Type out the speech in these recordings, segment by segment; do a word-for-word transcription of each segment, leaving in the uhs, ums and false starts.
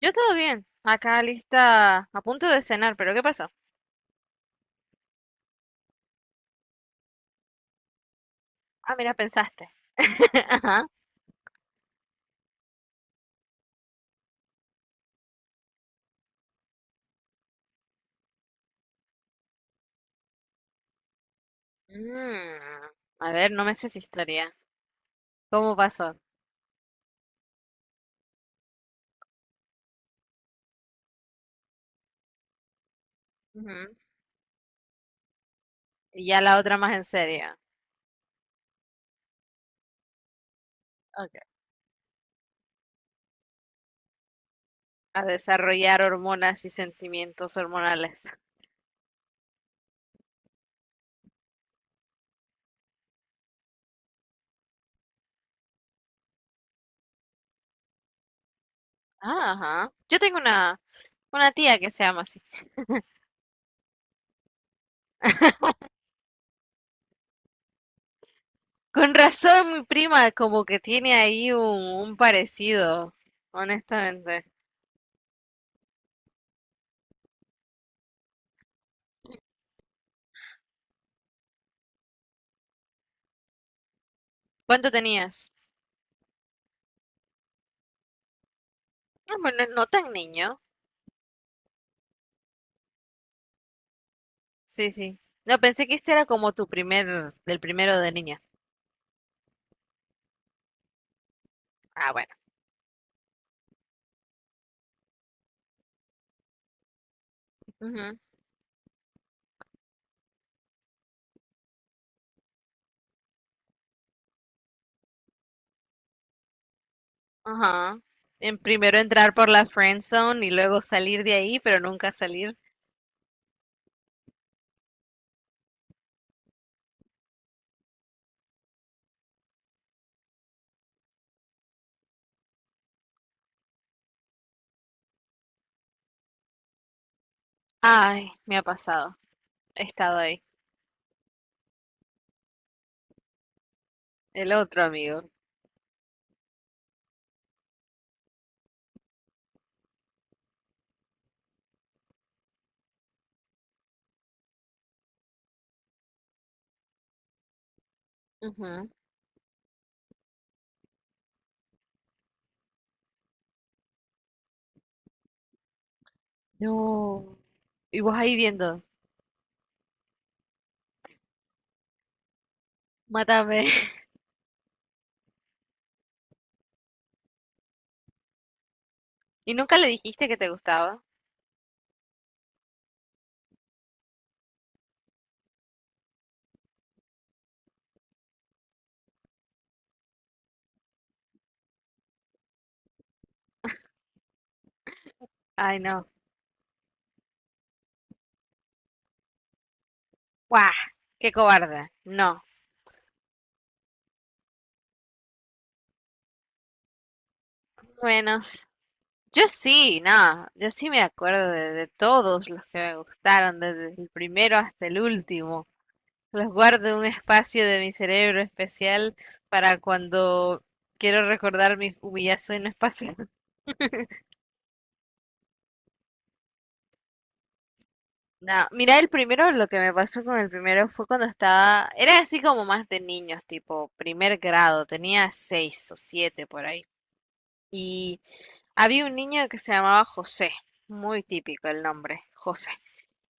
Yo todo bien, acá lista, a punto de cenar, pero ¿qué pasó? Ah, mira, pensaste. Ajá. Mm, a ver, no me sé si historia. ¿Cómo pasó? Ujú. Y ya la otra más en serio. Ok. A desarrollar hormonas y sentimientos hormonales. Ah, ajá. Yo tengo una, una tía que se llama así. Con razón, mi prima como que tiene ahí un, un parecido, honestamente. ¿Cuánto tenías? Ah, bueno, no tan niño. Sí, sí. No, pensé que este era como tu primer, del primero de niña. Ah, bueno. Ujú, ajá. En primero entrar por la friend zone y luego salir de ahí, pero nunca salir. Ay, me ha pasado. He estado ahí. El otro amigo. Ujú. No. Y vos ahí viendo. Mátame. ¿Y nunca le dijiste que te gustaba? Ay, no. ¡Guau! ¡Qué cobarde! No. Menos. Yo sí, no, yo sí me acuerdo de, de todos los que me gustaron, desde el primero hasta el último. Los guardo en un espacio de mi cerebro especial para cuando quiero recordar mis humillaciones pasadas. No, mira, el primero, lo que me pasó con el primero fue cuando estaba, era así como más de niños, tipo primer grado, tenía seis o siete por ahí. Y había un niño que se llamaba José, muy típico el nombre, José.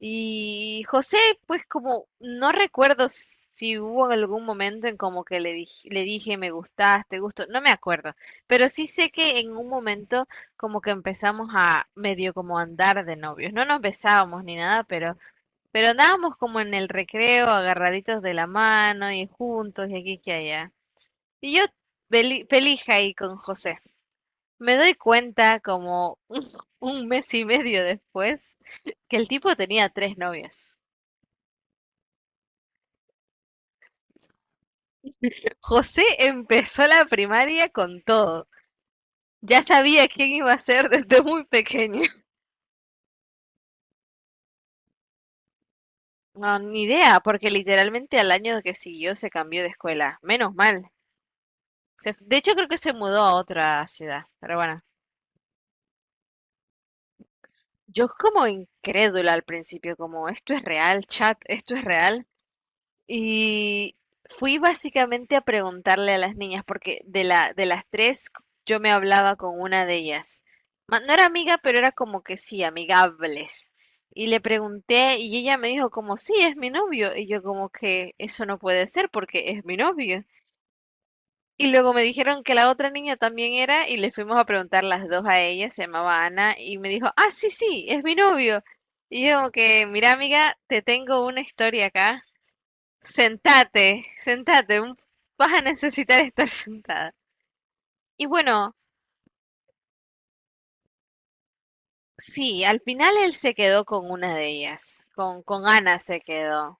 Y José, pues como no recuerdo si hubo algún momento en como que le dije, le dije me gustas, te gusto, no me acuerdo, pero sí sé que en un momento como que empezamos a medio como andar de novios, no nos besábamos ni nada, pero pero andábamos como en el recreo agarraditos de la mano y juntos y aquí que allá. Y yo feli- feliz ahí con José. Me doy cuenta como un mes y medio después que el tipo tenía tres novias. José empezó la primaria con todo. Ya sabía quién iba a ser desde muy pequeño. No, ni idea, porque literalmente al año que siguió se cambió de escuela. Menos mal. Se- de hecho, creo que se mudó a otra ciudad. Pero bueno, yo como incrédula al principio, como esto es real, chat, esto es real. Y fui básicamente a preguntarle a las niñas, porque de la, de las tres c- yo me hablaba con una de ellas. Ma- No era amiga, pero era como que sí, amigables. Y le pregunté y ella me dijo como, sí, es mi novio. Y yo como que eso no puede ser porque es mi novio. Y luego me dijeron que la otra niña también era y le fuimos a preguntar las dos a ella, se llamaba Ana, y me dijo, ah, sí, sí, es mi novio. Y yo como que, mira amiga, te tengo una historia acá. Sentate, sentate, un- vas a necesitar estar sentada. Y bueno, sí, al final él se quedó con una de ellas, con, con Ana se quedó.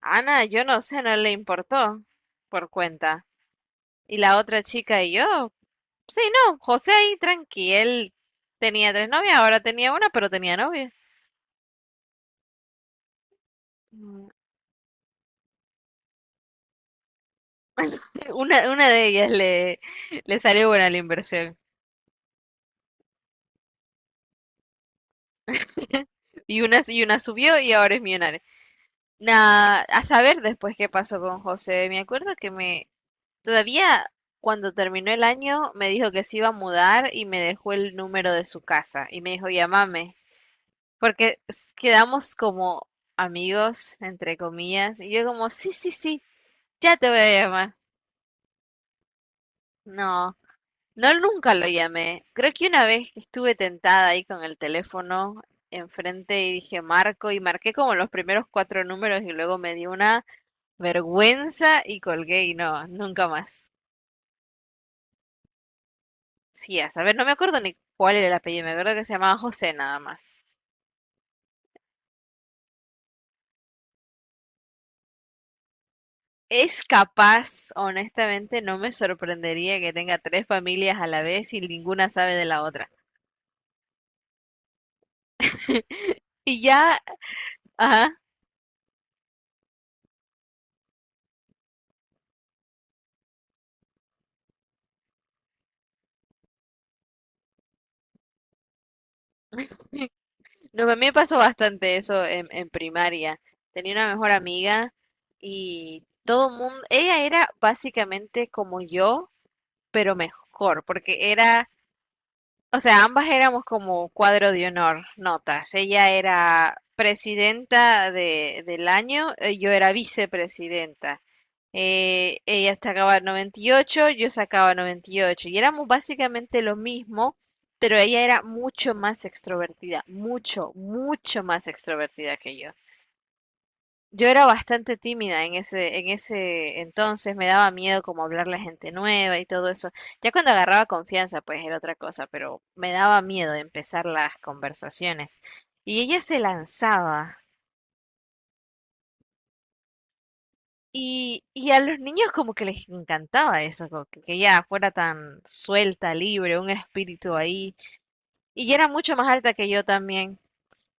Ana, yo no sé, no le importó por cuenta. Y la otra chica y yo, sí, no, José ahí tranqui, él tenía tres novias, ahora tenía una, pero tenía novia. Mm, Una, una de ellas le, le salió buena la inversión. Y una, y una subió y ahora es millonaria. Nah, a saber después qué pasó con José. Me acuerdo que me, todavía cuando terminó el año, me dijo que se iba a mudar y me dejó el número de su casa y me dijo, llámame, porque s- quedamos como amigos, entre comillas, y yo como, sí, sí, sí, ya te voy a llamar. No, no nunca lo llamé. Creo que una vez que estuve tentada ahí con el teléfono enfrente y dije Marco y marqué como los primeros cuatro números y luego me di una vergüenza y colgué y no, nunca más. Sí, a saber, no me acuerdo ni cuál era el apellido, me acuerdo que se llamaba José nada más. Es capaz, honestamente, no me sorprendería que tenga tres familias a la vez y ninguna sabe de la otra. Y ya, ajá, no, a mí me pasó bastante eso en, en primaria. Tenía una mejor amiga y todo mundo, ella era básicamente como yo, pero mejor, porque era o sea, ambas éramos como cuadro de honor, notas. Ella era presidenta de, del año, eh, yo era vicepresidenta. Eh, ella sacaba noventa y ocho, yo sacaba noventa y ocho. Y ocho. Y éramos básicamente lo mismo, pero ella era mucho más extrovertida, mucho, mucho más extrovertida que yo. Yo era bastante tímida en ese, en ese entonces, me daba miedo como hablarle a gente nueva y todo eso. Ya cuando agarraba confianza, pues era otra cosa, pero me daba miedo empezar las conversaciones. Y ella se lanzaba. Y, y a los niños como que les encantaba eso, como que, que ella fuera tan suelta, libre, un espíritu ahí. Y era mucho más alta que yo también,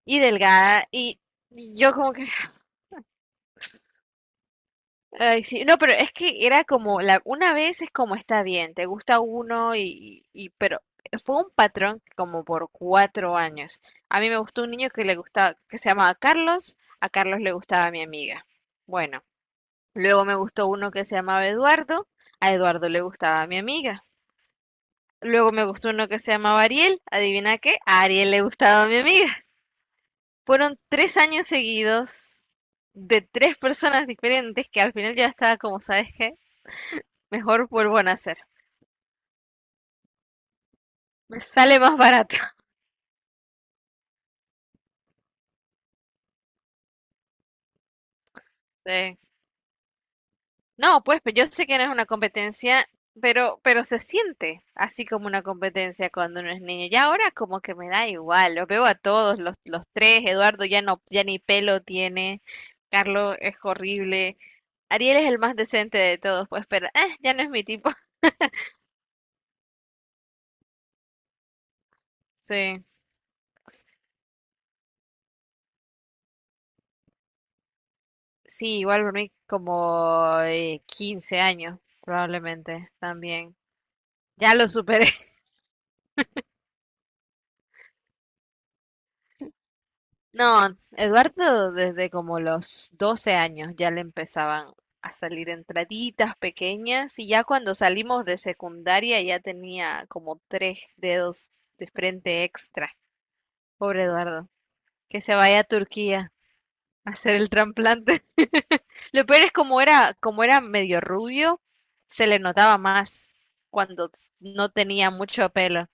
y delgada, y y yo como que. Ay, sí, no, pero es que era como la una vez es como está bien, te gusta uno y, y pero fue un patrón como por cuatro años. A mí me gustó un niño que le gustaba, que se llamaba Carlos, a Carlos le gustaba mi amiga. Bueno, luego me gustó uno que se llamaba Eduardo, a Eduardo le gustaba mi amiga. Luego me gustó uno que se llamaba Ariel, adivina qué, a Ariel le gustaba mi amiga. Fueron tres años seguidos de tres personas diferentes que al final yo ya estaba como, ¿sabes qué? Mejor vuelvo a nacer. Me sale más barato. Sí. No, pues pero yo sé que no es una competencia, pero, pero se siente así como una competencia cuando uno es niño. Ya ahora como que me da igual, los veo a todos, los, los tres, Eduardo ya no, ya ni pelo tiene, Carlos es horrible, Ariel es el más decente de todos, pues, pero eh, ya no es mi tipo. Sí, sí, igual por como eh, quince años, probablemente, también. Ya lo superé. No, Eduardo desde como los doce años ya le empezaban a salir entraditas pequeñas y ya cuando salimos de secundaria ya tenía como tres dedos de frente extra. Pobre Eduardo, que se vaya a Turquía a hacer el trasplante. Lo peor es como era, como era medio rubio, se le notaba más cuando no tenía mucho pelo.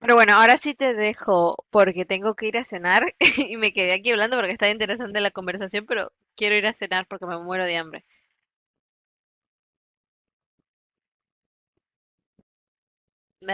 Pero bueno, ahora sí te dejo porque tengo que ir a cenar y me quedé aquí hablando porque está interesante la conversación, pero quiero ir a cenar porque me muero de hambre.